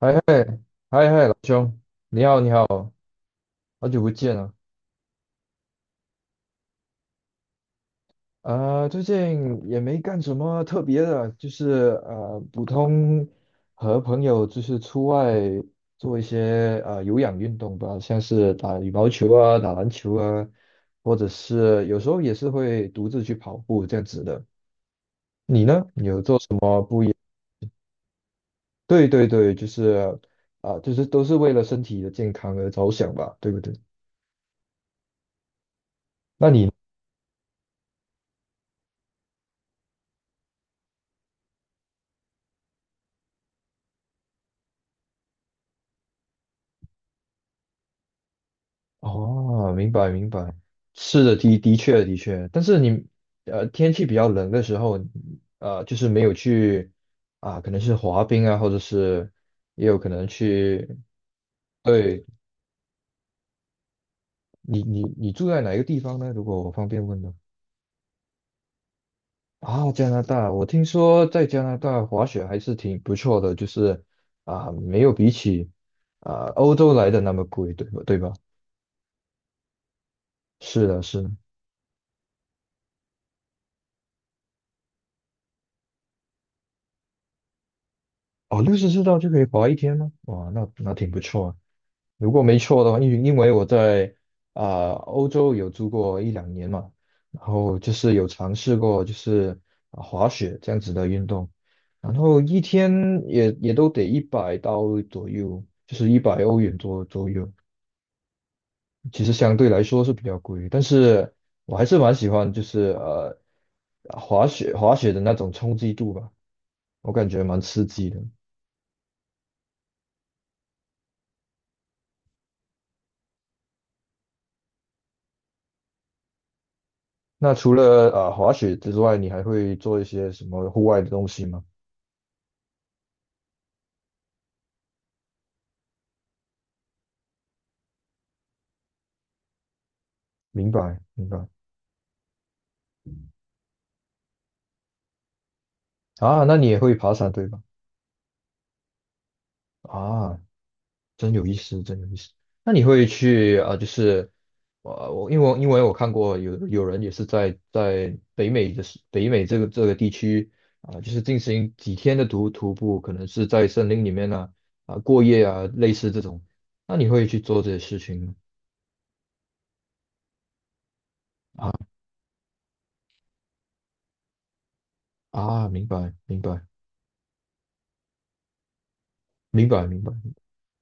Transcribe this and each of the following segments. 哎嘿，兄，你好，你好，好久不见了。最近也没干什么特别的，就是普通和朋友就是出外做一些有氧运动吧，像是打羽毛球啊、打篮球啊，或者是有时候也是会独自去跑步这样子的。你呢？你有做什么不一样？对对对，就是都是为了身体的健康而着想吧，对不对？那你？哦，明白明白，是的，的确的确，但是你天气比较冷的时候，就是没有去啊，可能是滑冰啊，或者是也有可能去，对。你住在哪一个地方呢？如果我方便问呢？啊，加拿大，我听说在加拿大滑雪还是挺不错的，就是没有比起欧洲来的那么贵，对吧？对吧？是的，是的，哦，64道就可以滑一天吗？哇，那挺不错啊。如果没错的话，因为我在欧洲有住过一两年嘛，然后就是有尝试过就是滑雪这样子的运动，然后一天也都得100刀左右，就是100欧元左右，其实相对来说是比较贵，但是我还是蛮喜欢就是滑雪的那种冲击度吧，我感觉蛮刺激的。那除了滑雪之外，你还会做一些什么户外的东西吗？明白明白啊，那你也会爬山对吧？啊，真有意思，真有意思。那你会去就是我因为我看过有人也是在北美这个地区就是进行几天的徒步，可能是在森林里面呢过夜啊，类似这种。那你会去做这些事情吗？啊啊，明白明白明白明白。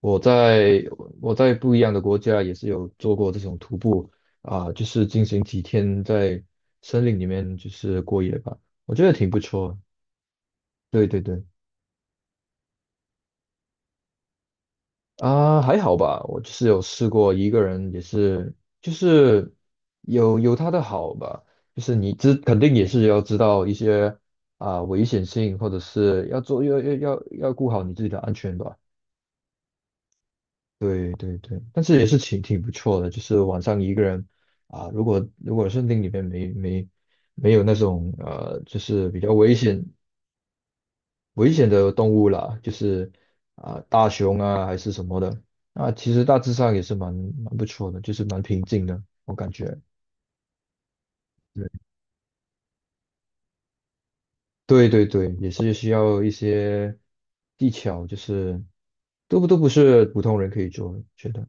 我在我在不一样的国家也是有做过这种徒步啊，就是进行几天在森林里面就是过夜吧，我觉得挺不错的。对对对，啊，还好吧，我就是有试过一个人，也是就是有他的好吧，就是肯定也是要知道一些危险性，或者是要做要要要要顾好你自己的安全吧。对对对，但是也是挺不错的，就是晚上一个人啊，如果森林里面没有那种就是比较危险的动物啦，就是大熊啊还是什么的，那其实大致上也是蛮不错的，就是蛮平静的，我感觉。对对对，也是需要一些技巧，就是都不是普通人可以做的，觉得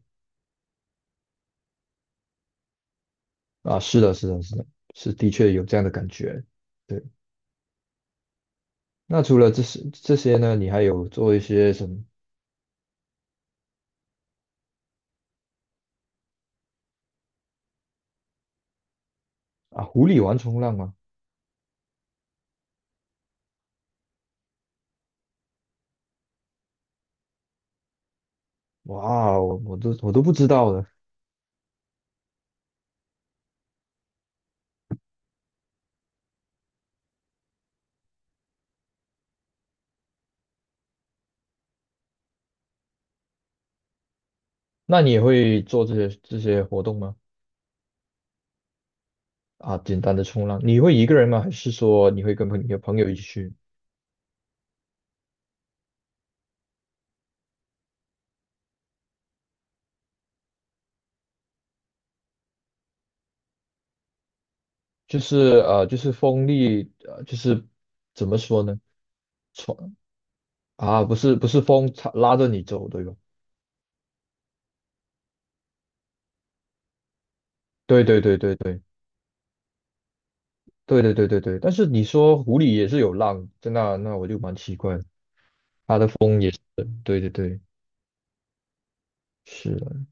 啊，是的，是的，是的，是的确有这样的感觉。对。那除了这些呢，你还有做一些什么啊？湖里玩冲浪吗？哇我都不知道的。那你也会做这些活动吗？啊，简单的冲浪，你会一个人吗？还是说你会跟你的朋友一起去？就是就是风力，就是怎么说呢？冲啊，不是不是风插拉着你走，对吧？对对对对对对对对对对。但是你说湖里也是有浪，那我就蛮奇怪的。对对对，是的。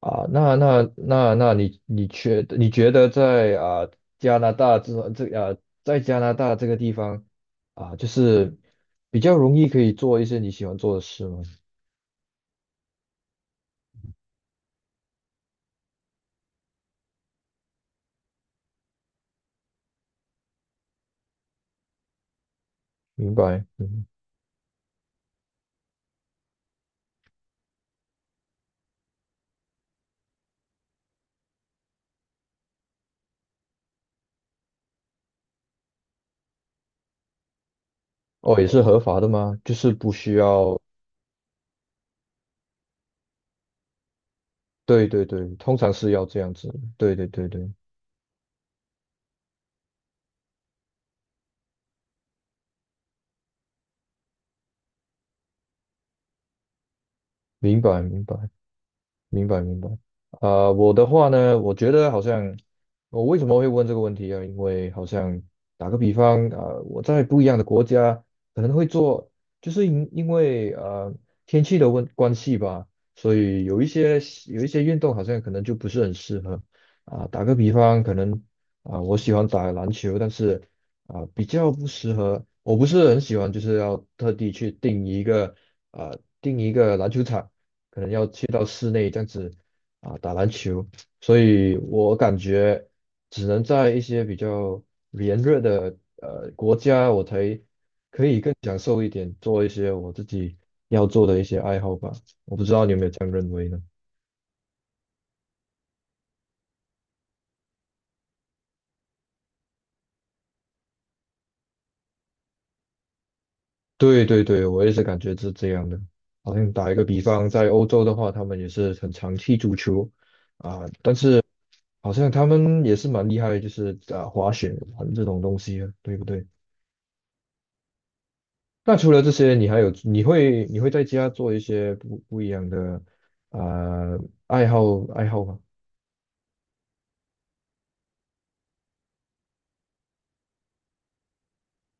啊，那你觉得在加拿大这这啊在加拿大这个地方就是比较容易可以做一些你喜欢做的事吗？明白，嗯，哦，也是合法的吗？就是不需要，对对对，通常是要这样子，对对对对，明白明白。明白明白。我的话呢，我觉得好像我为什么会问这个问题啊？因为好像打个比方，我在不一样的国家可能会做，就是因为天气的关系吧，所以有一些运动好像可能就不是很适合打个比方，可能我喜欢打篮球，但是比较不适合，我不是很喜欢，就是要特地去啊、定一个篮球场。可能要去到室内这样子打篮球，所以我感觉只能在一些比较炎热的国家，我才可以更享受一点，做一些我自己要做的一些爱好吧。我不知道你有没有这样认为呢？对对对，我也是感觉是这样的。好像打一个比方，在欧洲的话，他们也是很常踢足球啊，好像他们也是蛮厉害，就是滑雪玩这种东西啊，对不对？那除了这些，你还有你会你会在家做一些不一样的呃爱好爱好吗？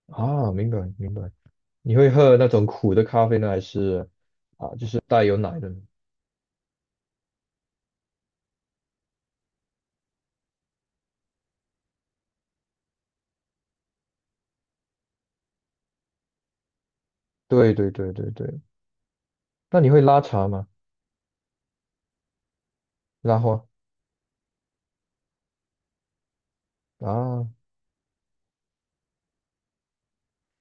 啊，明白明白。你会喝那种苦的咖啡呢，还是就是带有奶的呢对对对对对。那你会拉茶吗？拉花啊？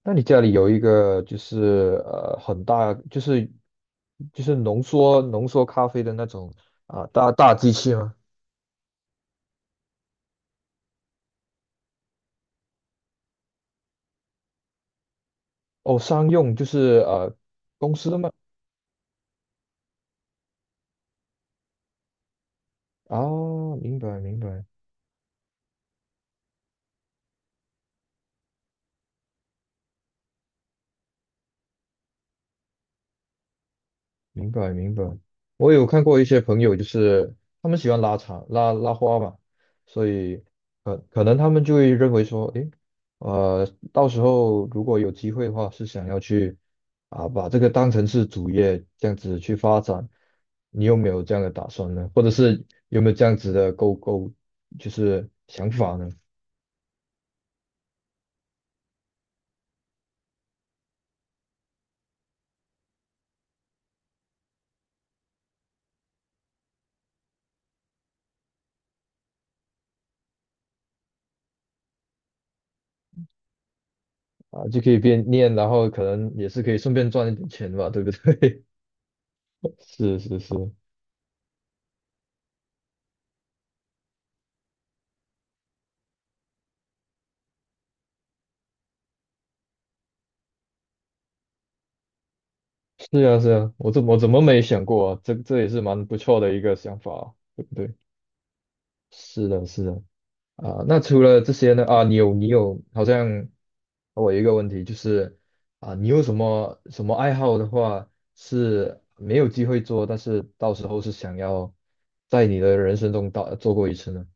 那你家里有一个就是很大就是浓缩咖啡的那种大机器吗？哦，商用就是公司的吗？啊，明白明白。明白明白，我有看过一些朋友，就是他们喜欢拉长拉拉花嘛，所以可能他们就会认为说，诶，呃，到时候如果有机会的话，是想要去把这个当成是主业这样子去发展，你有没有这样的打算呢？或者是有没有这样子的就是想法呢？啊，就可以边念，然后可能也是可以顺便赚一点钱吧，对不对？是是是，是啊是啊，我怎么没想过啊？这也是蛮不错的一个想法啊对不对？是的，是的啊。那除了这些呢？啊，你有，好像我有一个问题就是你有什么什么爱好的话是没有机会做，但是到时候是想要在你的人生中做过一次呢？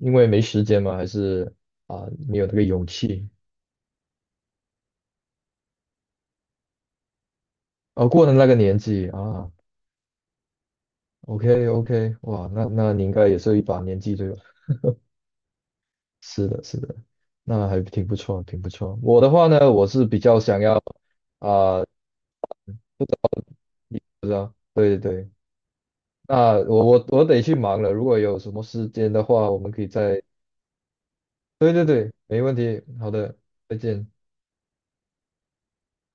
因为没时间吗？还是没有那个勇气？啊，过了那个年纪啊，OK OK，哇，那你应该也是一把年纪对吧？是的，是的，那还挺不错，挺不错。我的话呢，我是比较想要啊、不知道，对对对，那我得去忙了。如果有什么时间的话，我们可以再，对对对，没问题。好的，再见。